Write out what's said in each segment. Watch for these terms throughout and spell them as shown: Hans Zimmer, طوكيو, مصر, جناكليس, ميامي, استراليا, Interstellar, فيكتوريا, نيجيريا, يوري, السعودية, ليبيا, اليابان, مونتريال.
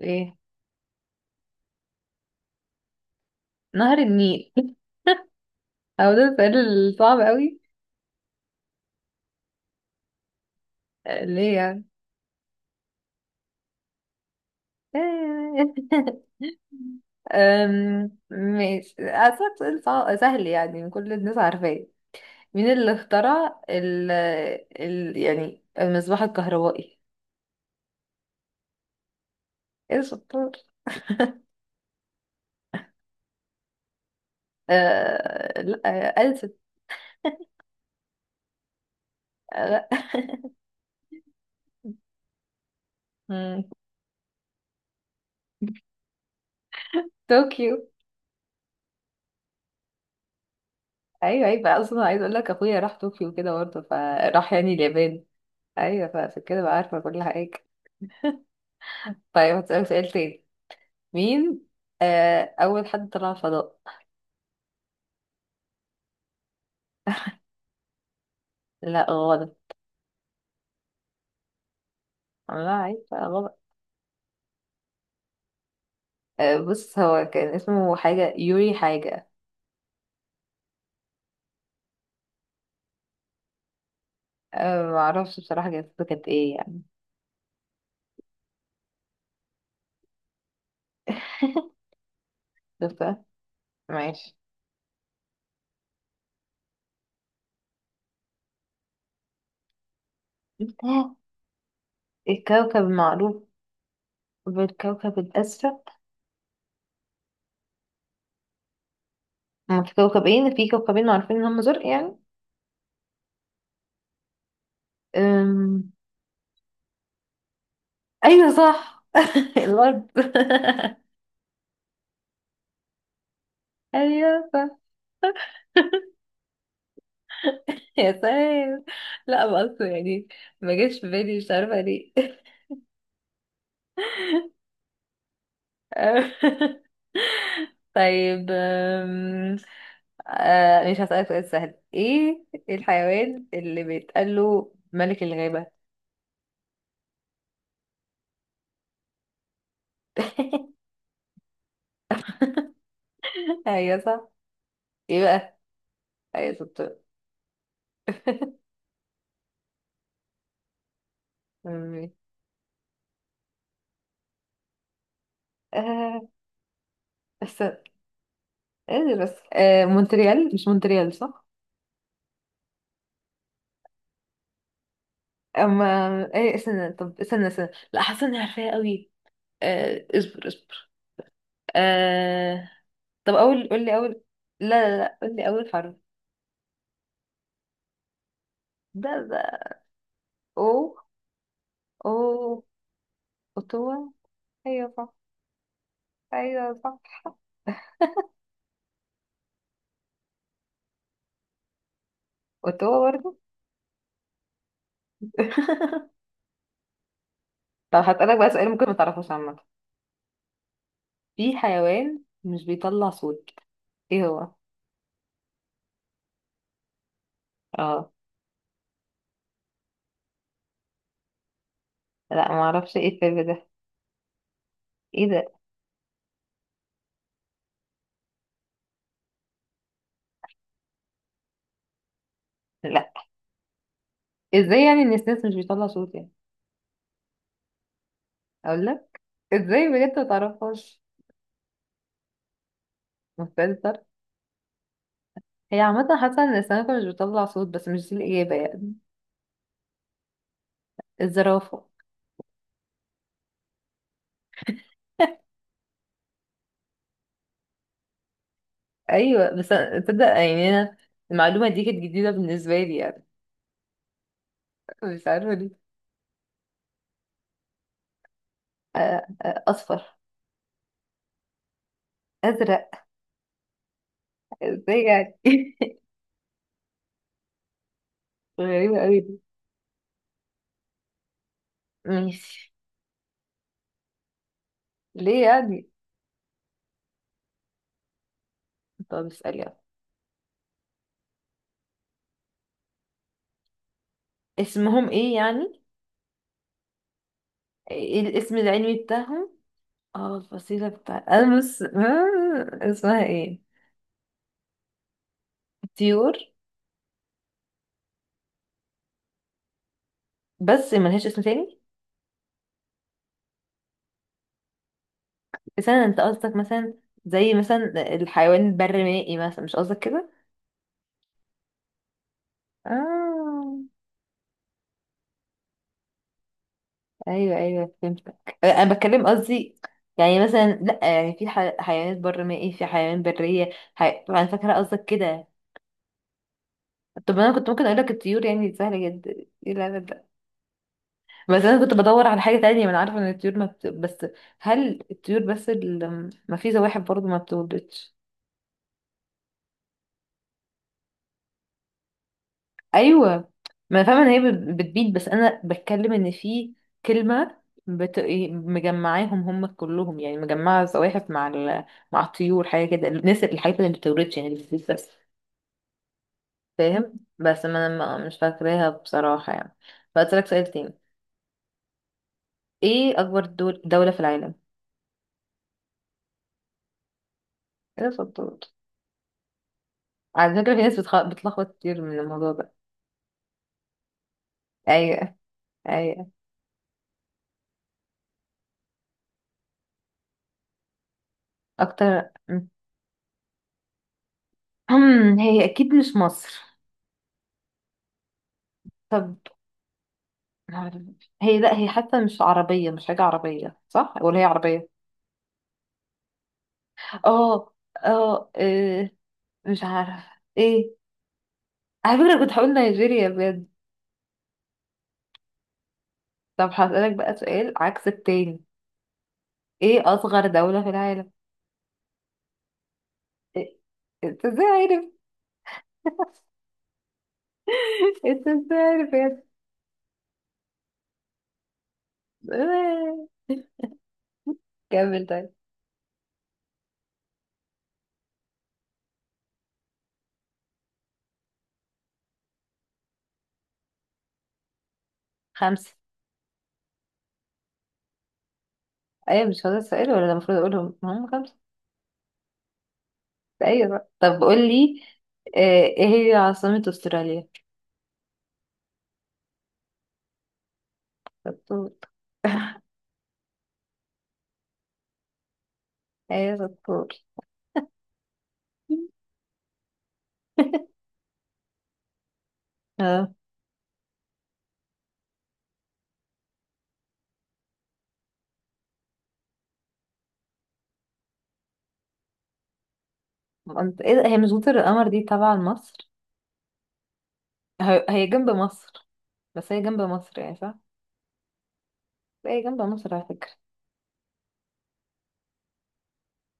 ايه، نهر النيل. او ده السؤال الصعب قوي. آه، ليه يعني؟ ماشي، أسألك سؤال سهل، يعني كل الناس عارفاه. مين اللي اخترع ال يعني المصباح الكهربائي؟ ايه شطار. أه لا أه، ألسن. آه، لا. مم، طوكيو. ايوه ايوه بقى، اصلا عايز اقول لك اخويا راح طوكيو كده برضه، فراح يعني اليابان. ايوه، فعشان كده بقى عارفه كل حاجه. طيب هسألك سؤال تاني. مين. آه، أول حد طلع الفضاء؟ لا غلط. عملها عيب بقى غلط. آه، بص، هو كان اسمه حاجة يوري حاجة. آه، معرفش بصراحة جنسيته كانت ايه يعني. شفتها. ماشي. آه، الكوكب المعروف بالكوكب الأسود. هما في كوكبين معروفين إن هما زرق يعني. أم... أيوة صح. الأرض. أيوة صح. يا سلام. لا بس يعني، ما جاش في بالي، مش عارفة ليه. طيب. آه، مش هسألك سؤال سهل. ايه الحيوان اللي بيتقال له ملك الغابة؟ ايوه صح. ايه بقى. ايوه شطور. أمي. آه، بس قادر، بس آه، مونتريال، مش مونتريال صح؟ اما ايه، استنى طب استنى استنى، لا حاسه اني عارفاها قوي. آه، اصبر اصبر. آه. طب اول قول لي اول، لا لا لا، قول لي اول حرف. ده. او. او اوتوا. ايوه صح. ايوه صح، قلت هو برضه. طب هسألك بقى سؤال ممكن ما تعرفوش عامة. في حيوان مش بيطلع صوت، ايه هو؟ اه. لا ما اعرفش ايه الفيلم ده. ايه ده؟ لا. ازاي يعني، ان السنس مش بيطلع صوت يعني؟ اقول لك، ازاي بجد ما تعرفهاش؟ مستنسر. هي عامة حاسة ان السمكة مش بتطلع صوت، بس مش دي الإجابة يعني. الزرافة. ايوه بس تصدق يعني انا المعلومة دي كانت جديدة بالنسبة لي يعني. مش عارفة ليه. آه، آه، اصفر. ازرق؟ ازاي يعني؟ غريبة قوي. ماشي. ليه يعني؟ طب اسأل يلا. اسمهم ايه يعني؟ ايه الاسم العلمي بتاعهم؟ اه، الفصيلة بتاع انا بس، آه، اسمها ايه؟ طيور، بس ملهاش اسم تاني؟ مثلا انت قصدك مثلا، زي مثلا الحيوان البرمائي مثلا، مش قصدك كده؟ اه. ايوه ايوه فهمتك. آه، انا بتكلم قصدي يعني مثلا، لا يعني في حيوانات برمائي، في حيوان برية. انا فاكرة قصدك كده. طب انا كنت ممكن اقول لك الطيور يعني، دي سهلة جدا. ايه لا. بس انا كنت بدور على حاجه تانية، ما انا عارفه ان الطيور ما بت... بس هل الطيور بس اللي، ما في زواحف برضو ما بتولدش؟ ايوه، ما انا فاهمه ان هي بتبيض، بس انا بتكلم ان في كلمه إيه، مجمعاهم هم كلهم يعني، مجمعه الزواحف مع ال... مع الطيور حاجه كده، الناس الحاجات اللي ما بتولدش يعني اللي بتبيض بس. فاهم بس ما انا مش فاكراها بصراحه يعني. فاسالك سؤال تاني. ايه اكبر دوله في العالم؟ ايه ده، في الدول؟ على فكره في ناس بتلخبط كتير من الموضوع ده. ايوه. أي. أكتر. هي أكيد مش مصر. طب. معرف- هي لا هي حتى مش عربية، مش حاجة عربية صح، ولا هي عربية؟ اه. اه. إيه، مش عارف. ايه، على فكرة كنت هقول نيجيريا بجد. طب هسألك بقى سؤال عكس التاني. ايه أصغر دولة في العالم؟ إيه، انت ازاي عارف؟ انت ازاي عارف يا... كمل طيب. خمسة. ايوه مش هذا السؤال ولا، ده المفروض اقولهم هم خمسة. ايوه بقى. طب قول لي. آه، ايه هي عاصمة استراليا؟ شطور. ايوه شطور. اه. انت ايه ده؟ هي مش جزر القمر دي تبع مصر؟ هي هي جنب مصر. بس هي جنب مصر يعني صح. بس هي جنب مصر على فكرة.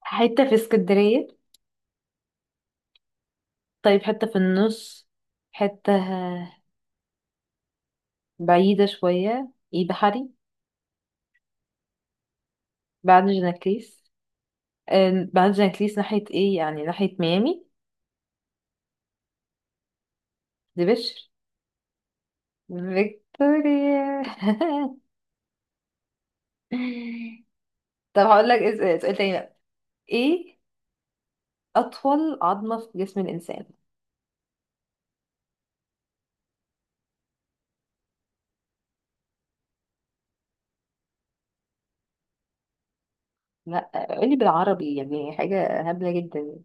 حتة في اسكندرية؟ طيب حتة في النص. حتة بعيدة شوية. ايه بحري؟ بعد جناكليس؟ آه، بعد جناكليس ناحية ايه، يعني ناحية ميامي؟ دي بشر. فيكتوريا. طب هقول لك سؤال تاني بقى. ايه اطول عظمة في جسم الانسان؟ لا قولي بالعربي يعني، حاجة هبلة جدا.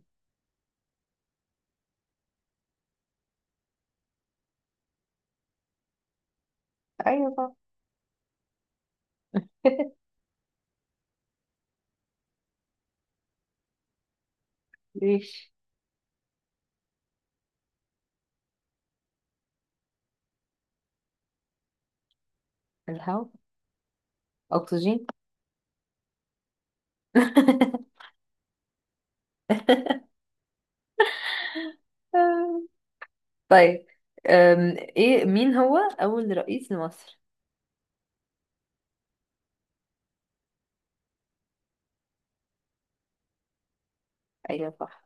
ايوه صح. ليش. الهواء. اكسجين. طيب. ايه، مين هو اول رئيس لمصر؟ ايوه صح.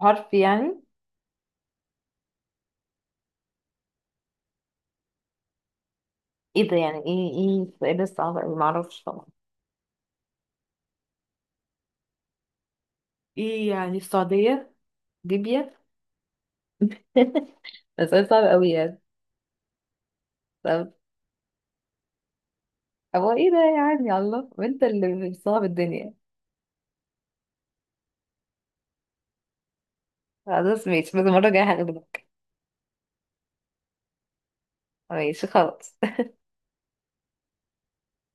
حرف يعني؟ ايه ده يعني، ايه ايه السؤال ده صعب اوي، معرفش طبعا. ايه يعني، السعودية؟ ليبيا. ده سؤال صعب اوي يعني. طب. هو ايه ده يا عم يا الله، وانت اللي بتصعب الدنيا. خلاص ماشي، بس المرة الجاية هغلبك. ماشي خلاص.